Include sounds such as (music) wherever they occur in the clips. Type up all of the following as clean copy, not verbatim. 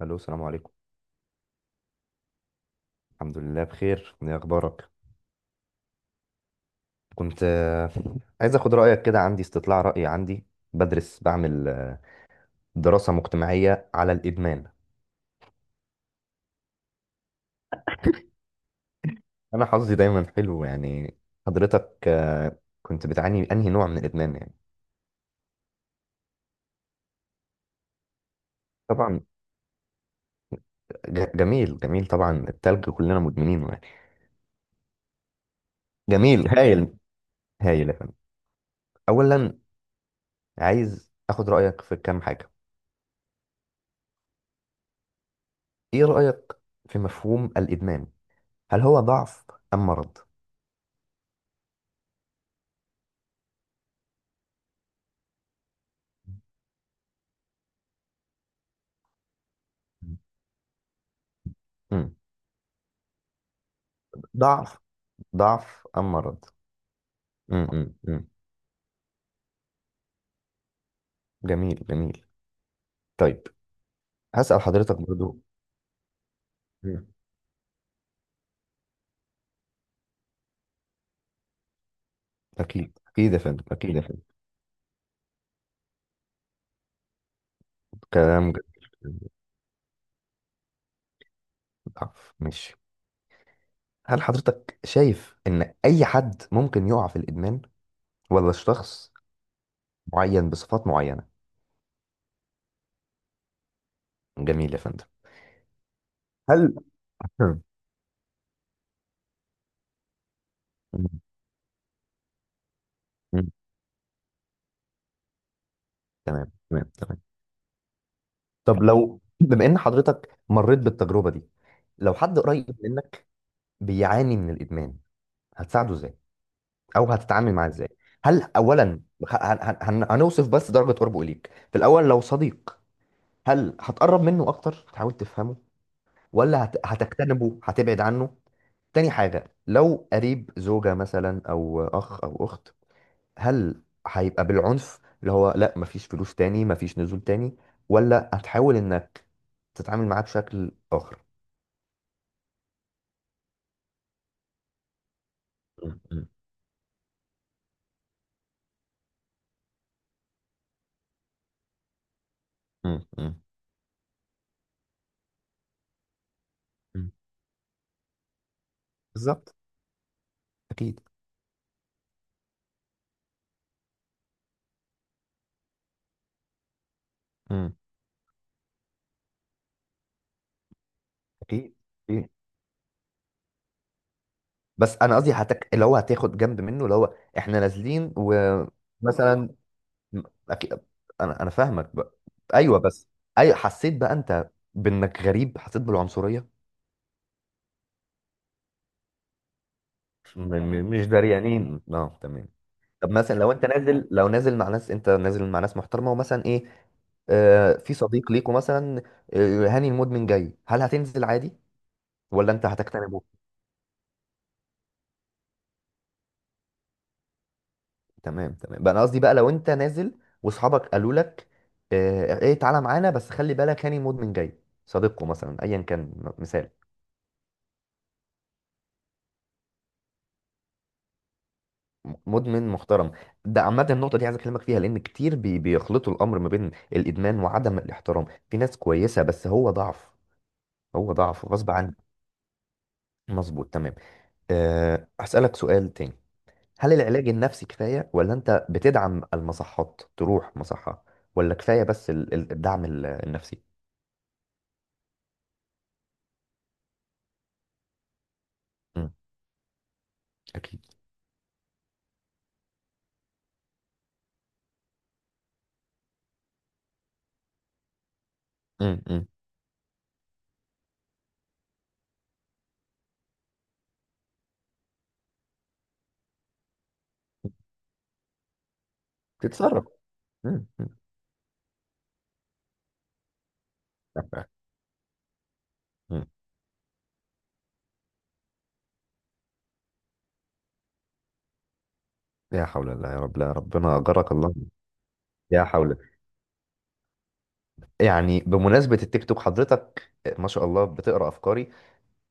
الو، السلام عليكم. الحمد لله بخير. ايه اخبارك؟ كنت عايز اخد رايك كده، عندي استطلاع راي، عندي بدرس، بعمل دراسه مجتمعيه على الادمان. انا حظي دايما حلو يعني. حضرتك كنت بتعاني من انهي نوع من الادمان يعني؟ طبعا. جميل جميل، طبعا التلج كلنا مدمنينه يعني. جميل (laughs) هايل. هايل يا فندم. اولا، عايز اخد رايك في كام حاجه. ايه رايك في مفهوم الادمان؟ هل هو ضعف ام مرض؟ مم. ضعف، ضعف أم مرض؟ م -م -م. جميل جميل. طيب، هسأل حضرتك برضو. م. أكيد أكيد يا فندم، أكيد يا فندم. كلام جميل. ضعف، ماشي. هل حضرتك شايف إن أي حد ممكن يقع في الإدمان، ولا شخص معين بصفات معينة؟ جميل يا فندم. هل (clears throat) م- م- تمام تمام تمام. طب لو (clears throat) بما إن حضرتك مريت بالتجربة دي، لو حد قريب منك بيعاني من الإدمان، هتساعده إزاي؟ او هتتعامل معاه ازاي؟ هل اولا، هنوصف بس درجه قربه اليك في الاول، لو صديق، هل هتقرب منه اكتر تحاول تفهمه، ولا هتجتنبه هتبعد عنه؟ تاني حاجه، لو قريب زوجه مثلا او اخ او اخت، هل هيبقى بالعنف اللي هو لا مفيش فلوس تاني مفيش نزول تاني، ولا هتحاول انك تتعامل معاه بشكل اخر؟ م-. م-. م-. م-. م. بالظبط، اكيد. م. اكيد، بس انا قصدي اللي هو هتاخد جنب منه، اللي هو احنا نازلين ومثلا... أكيد... انا فاهمك بقى. ايوه، بس ايوه حسيت بقى انت بانك غريب، حسيت بالعنصريه. م... م... مش دريانين. اه، تمام. طب مثلا، لو انت نازل، لو نازل مع ناس، انت نازل مع ناس محترمه، ومثلا ايه، آه في صديق ليكوا مثلا، آه هاني المدمن جاي، هل هتنزل عادي ولا انت هتقتنع؟ تمام تمام بقى، انا قصدي بقى لو انت نازل، واصحابك قالوا لك ايه، تعالى معانا بس خلي بالك هاني مدمن جاي، صديقه مثلا ايا كان، مثال. مدمن محترم؟ ده عامة النقطة دي عايز أكلمك فيها، لأن كتير بيخلطوا الأمر ما بين الإدمان وعدم الاحترام. في ناس كويسة بس هو ضعف، هو ضعف غصب عنه. مظبوط، تمام. أه، هسألك سؤال تاني. هل العلاج النفسي كفاية ولا أنت بتدعم المصحات تروح مصحة، ولا كفاية بس الدعم النفسي؟ مم، أكيد. مم، مم. تتصرف. مم. مم. (laughs) يا حول الله، يا رب. لا ربنا أجرك الله. يا حول. يعني بمناسبة التيك توك حضرتك، ما شاء الله بتقرأ أفكاري.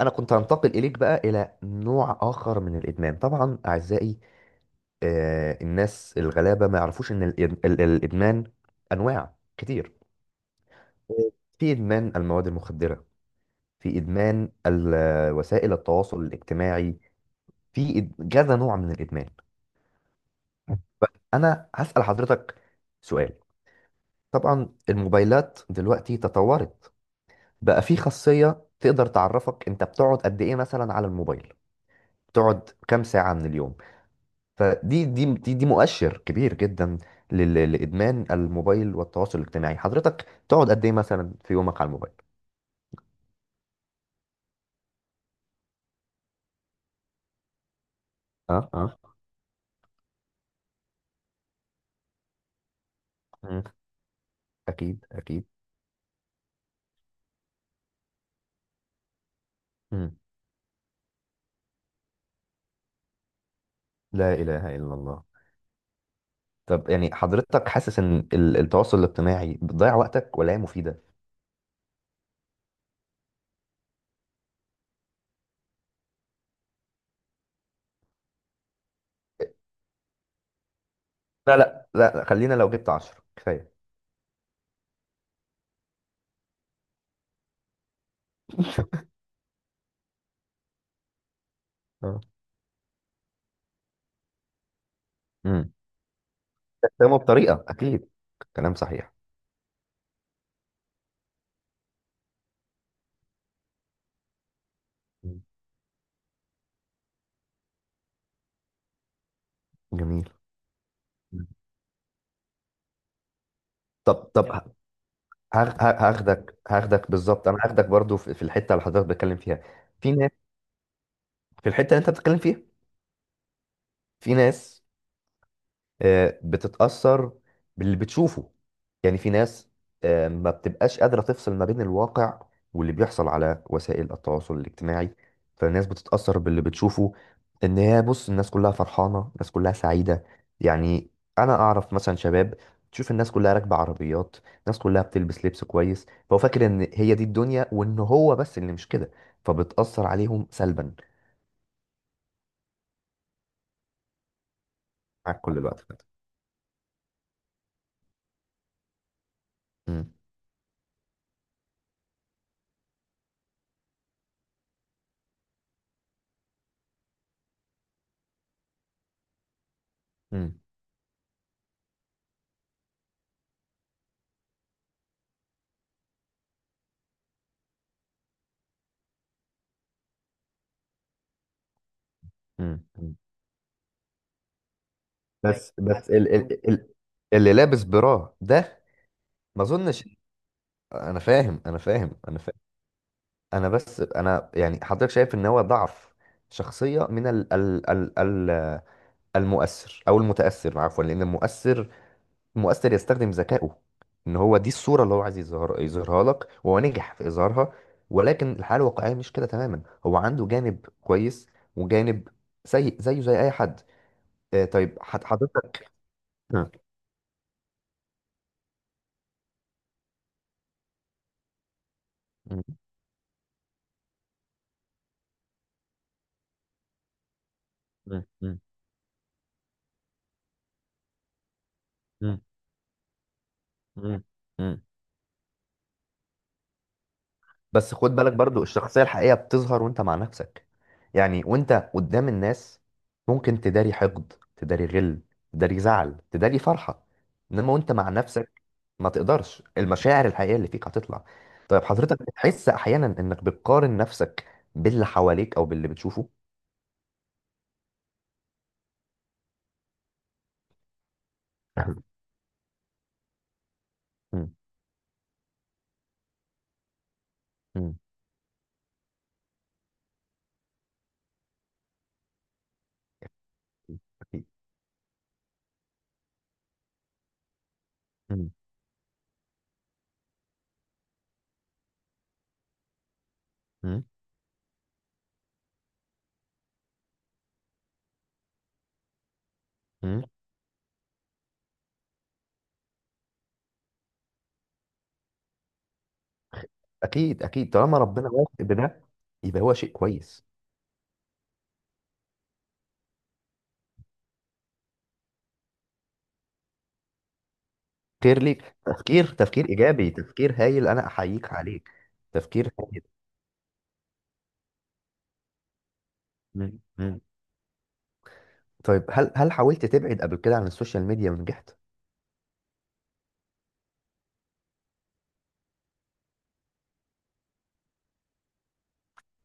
أنا كنت هنتقل إليك بقى إلى نوع آخر من الإدمان، طبعا أعزائي الناس الغلابة ما يعرفوش إن الإدمان أنواع كتير. في إدمان المواد المخدرة، في إدمان وسائل التواصل الاجتماعي، في كذا نوع من الإدمان. طيب، أنا هسأل حضرتك سؤال. طبعا الموبايلات دلوقتي تطورت، بقى في خاصية تقدر تعرفك انت بتقعد قد ايه مثلا على الموبايل، بتقعد كام ساعة من اليوم. دي مؤشر كبير جدا لإدمان الموبايل والتواصل الاجتماعي. حضرتك تقعد قد ايه مثلا في يومك على الموبايل؟ اه، اه. مم. اكيد اكيد. مم. لا اله الا الله. طب يعني حضرتك حاسس ان التواصل الاجتماعي بتضيع وقتك، ولا هي مفيدة؟ لا لا لا، خلينا لو جبت 10 كفاية. اه. استخدمه بطريقه، اكيد. كلام صحيح. مم. جميل. مم. طب طب يعني، هاخدك، بالظبط انا هاخدك برضو في الحته اللي حضرتك بتتكلم فيها. في ناس في الحته اللي انت بتتكلم فيها، في ناس بتتأثر باللي بتشوفه، يعني في ناس ما بتبقاش قادرة تفصل ما بين الواقع واللي بيحصل على وسائل التواصل الاجتماعي، فالناس بتتأثر باللي بتشوفه، ان هي بص الناس كلها فرحانة، الناس كلها سعيدة. يعني انا اعرف مثلا شباب، تشوف الناس كلها راكبة عربيات، الناس كلها بتلبس لبس كويس، فهو فاكر ان هي دي الدنيا وان هو بس اللي مش كده، فبتأثر عليهم سلبا. معاك كل الوقت. كده، طيب، بس بس ال هو- ال ال اللي لابس براه ده، ما اظنش. انا فاهم، انا فاهم، انا فاهم. انا، بس انا يعني حضرتك شايف ان هو ضعف شخصية من ال ال ال ال المؤثر او المتأثر، عفوا، لان المؤثر يستخدم ذكائه، ان هو دي الصورة اللي هو عايز يظهرها لك، وهو نجح في اظهارها. ولكن الحالة الواقعية مش كده تماما، هو عنده جانب كويس، وجانب سيء زيه زي اي حد. طيب، حضرتك. مم. مم. مم. مم. مم. بس خد بالك برضو، الشخصية الحقيقية بتظهر وانت مع نفسك. يعني وانت قدام الناس ممكن تداري حقد، تداري غل، تداري زعل، تداري فرحة، انما وانت مع نفسك ما تقدرش، المشاعر الحقيقية اللي فيك هتطلع. طيب حضرتك بتحس احيانا انك بتقارن نفسك باللي حواليك او باللي بتشوفه؟ (coughs) (laughs) مم. مم. أكيد. مم. مم. مم. اكيد اكيد، طالما ربنا واثق بده يبقى هو شيء كويس. خير ليك، تفكير، تفكير ايجابي، تفكير هايل، انا احييك عليك. تفكير هايل. مم. مم. طيب، هل حاولت تبعد قبل كده عن السوشيال ميديا ونجحت؟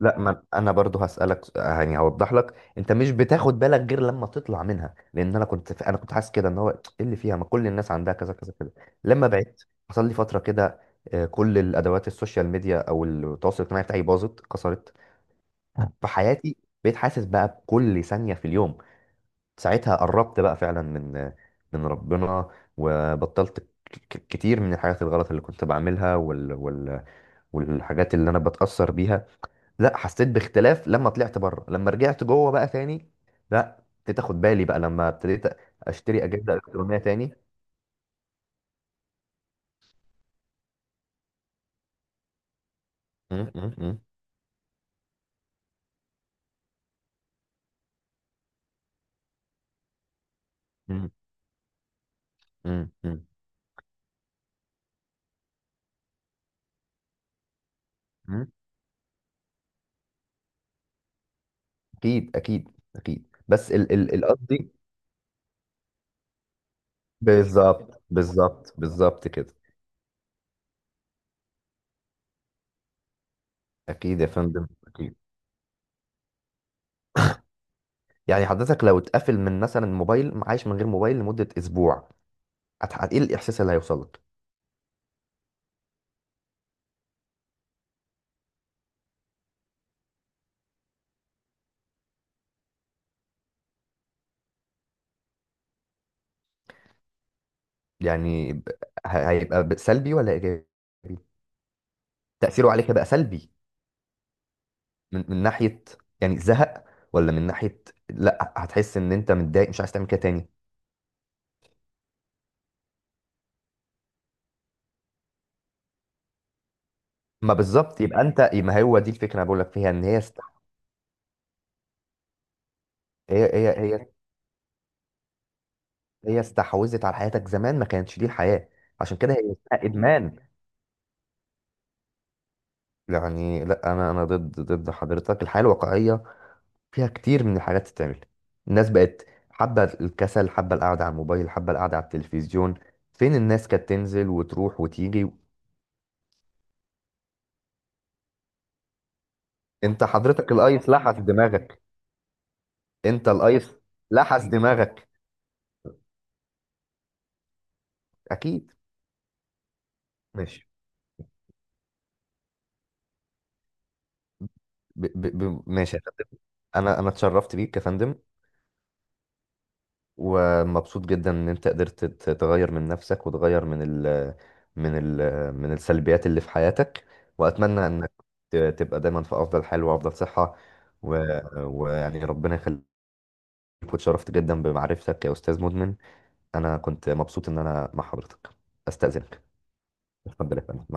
لا، ما انا برضو يعني هوضح لك، انت مش بتاخد بالك غير لما تطلع منها، لان انا كنت حاسس كده ان هو ايه اللي فيها، ما كل الناس عندها كذا كذا كذا. لما بعدت، حصل لي فتره كده، كل الادوات السوشيال ميديا او التواصل الاجتماعي بتاعي باظت كسرت في حياتي. بقيت حاسس بقى بكل ثانيه في اليوم. ساعتها قربت بقى فعلا من ربنا، وبطلت كتير من الحاجات الغلط اللي كنت بعملها والحاجات اللي انا بتأثر بيها. لا، حسيت باختلاف لما طلعت بره، لما رجعت جوه بقى تاني، لا ابتديت اخد بالي بقى لما ابتديت اشتري اجهزة الكترونية تاني. م-. م-. م-. م-. م-. م-. م. اكيد اكيد اكيد، بس القصدي، بالظبط بالظبط بالظبط كده. اكيد يا فندم، اكيد. يعني حضرتك لو اتقفل من مثلا موبايل، عايش من غير موبايل لمدة اسبوع، ايه الاحساس اللي هيوصل لك؟ يعني هيبقى سلبي ولا ايجابي؟ تأثيره عليك هيبقى سلبي؟ من ناحية يعني زهق، ولا من ناحية لا هتحس ان انت متضايق مش عايز تعمل كده تاني؟ ما بالظبط، يبقى انت، ما هو دي الفكرة انا بقول لك فيها ان هي هي هي هي هي استحوذت على حياتك، زمان ما كانتش دي الحياة. عشان كده هي اسمها ادمان. يعني، لا، انا ضد حضرتك، الحياة الواقعية فيها كتير من الحاجات تتعمل. الناس بقت حابة الكسل، حابة القعدة على الموبايل، حابة القعدة على التلفزيون. فين الناس كانت تنزل وتروح وتيجي. انت حضرتك الايس لحس دماغك. انت الايس لحس دماغك. اكيد. ماشي. ماشي يا فندم. انا اتشرفت بيك يا فندم، ومبسوط جدا ان انت قدرت تغير من نفسك، وتغير من ال من السلبيات اللي في حياتك. واتمنى انك تبقى دايما في افضل حال وافضل صحة، ويعني ربنا يخليك. واتشرفت جدا بمعرفتك يا استاذ مدمن. انا كنت مبسوط ان انا مع حضرتك. استاذنك. اتفضل يا فندم.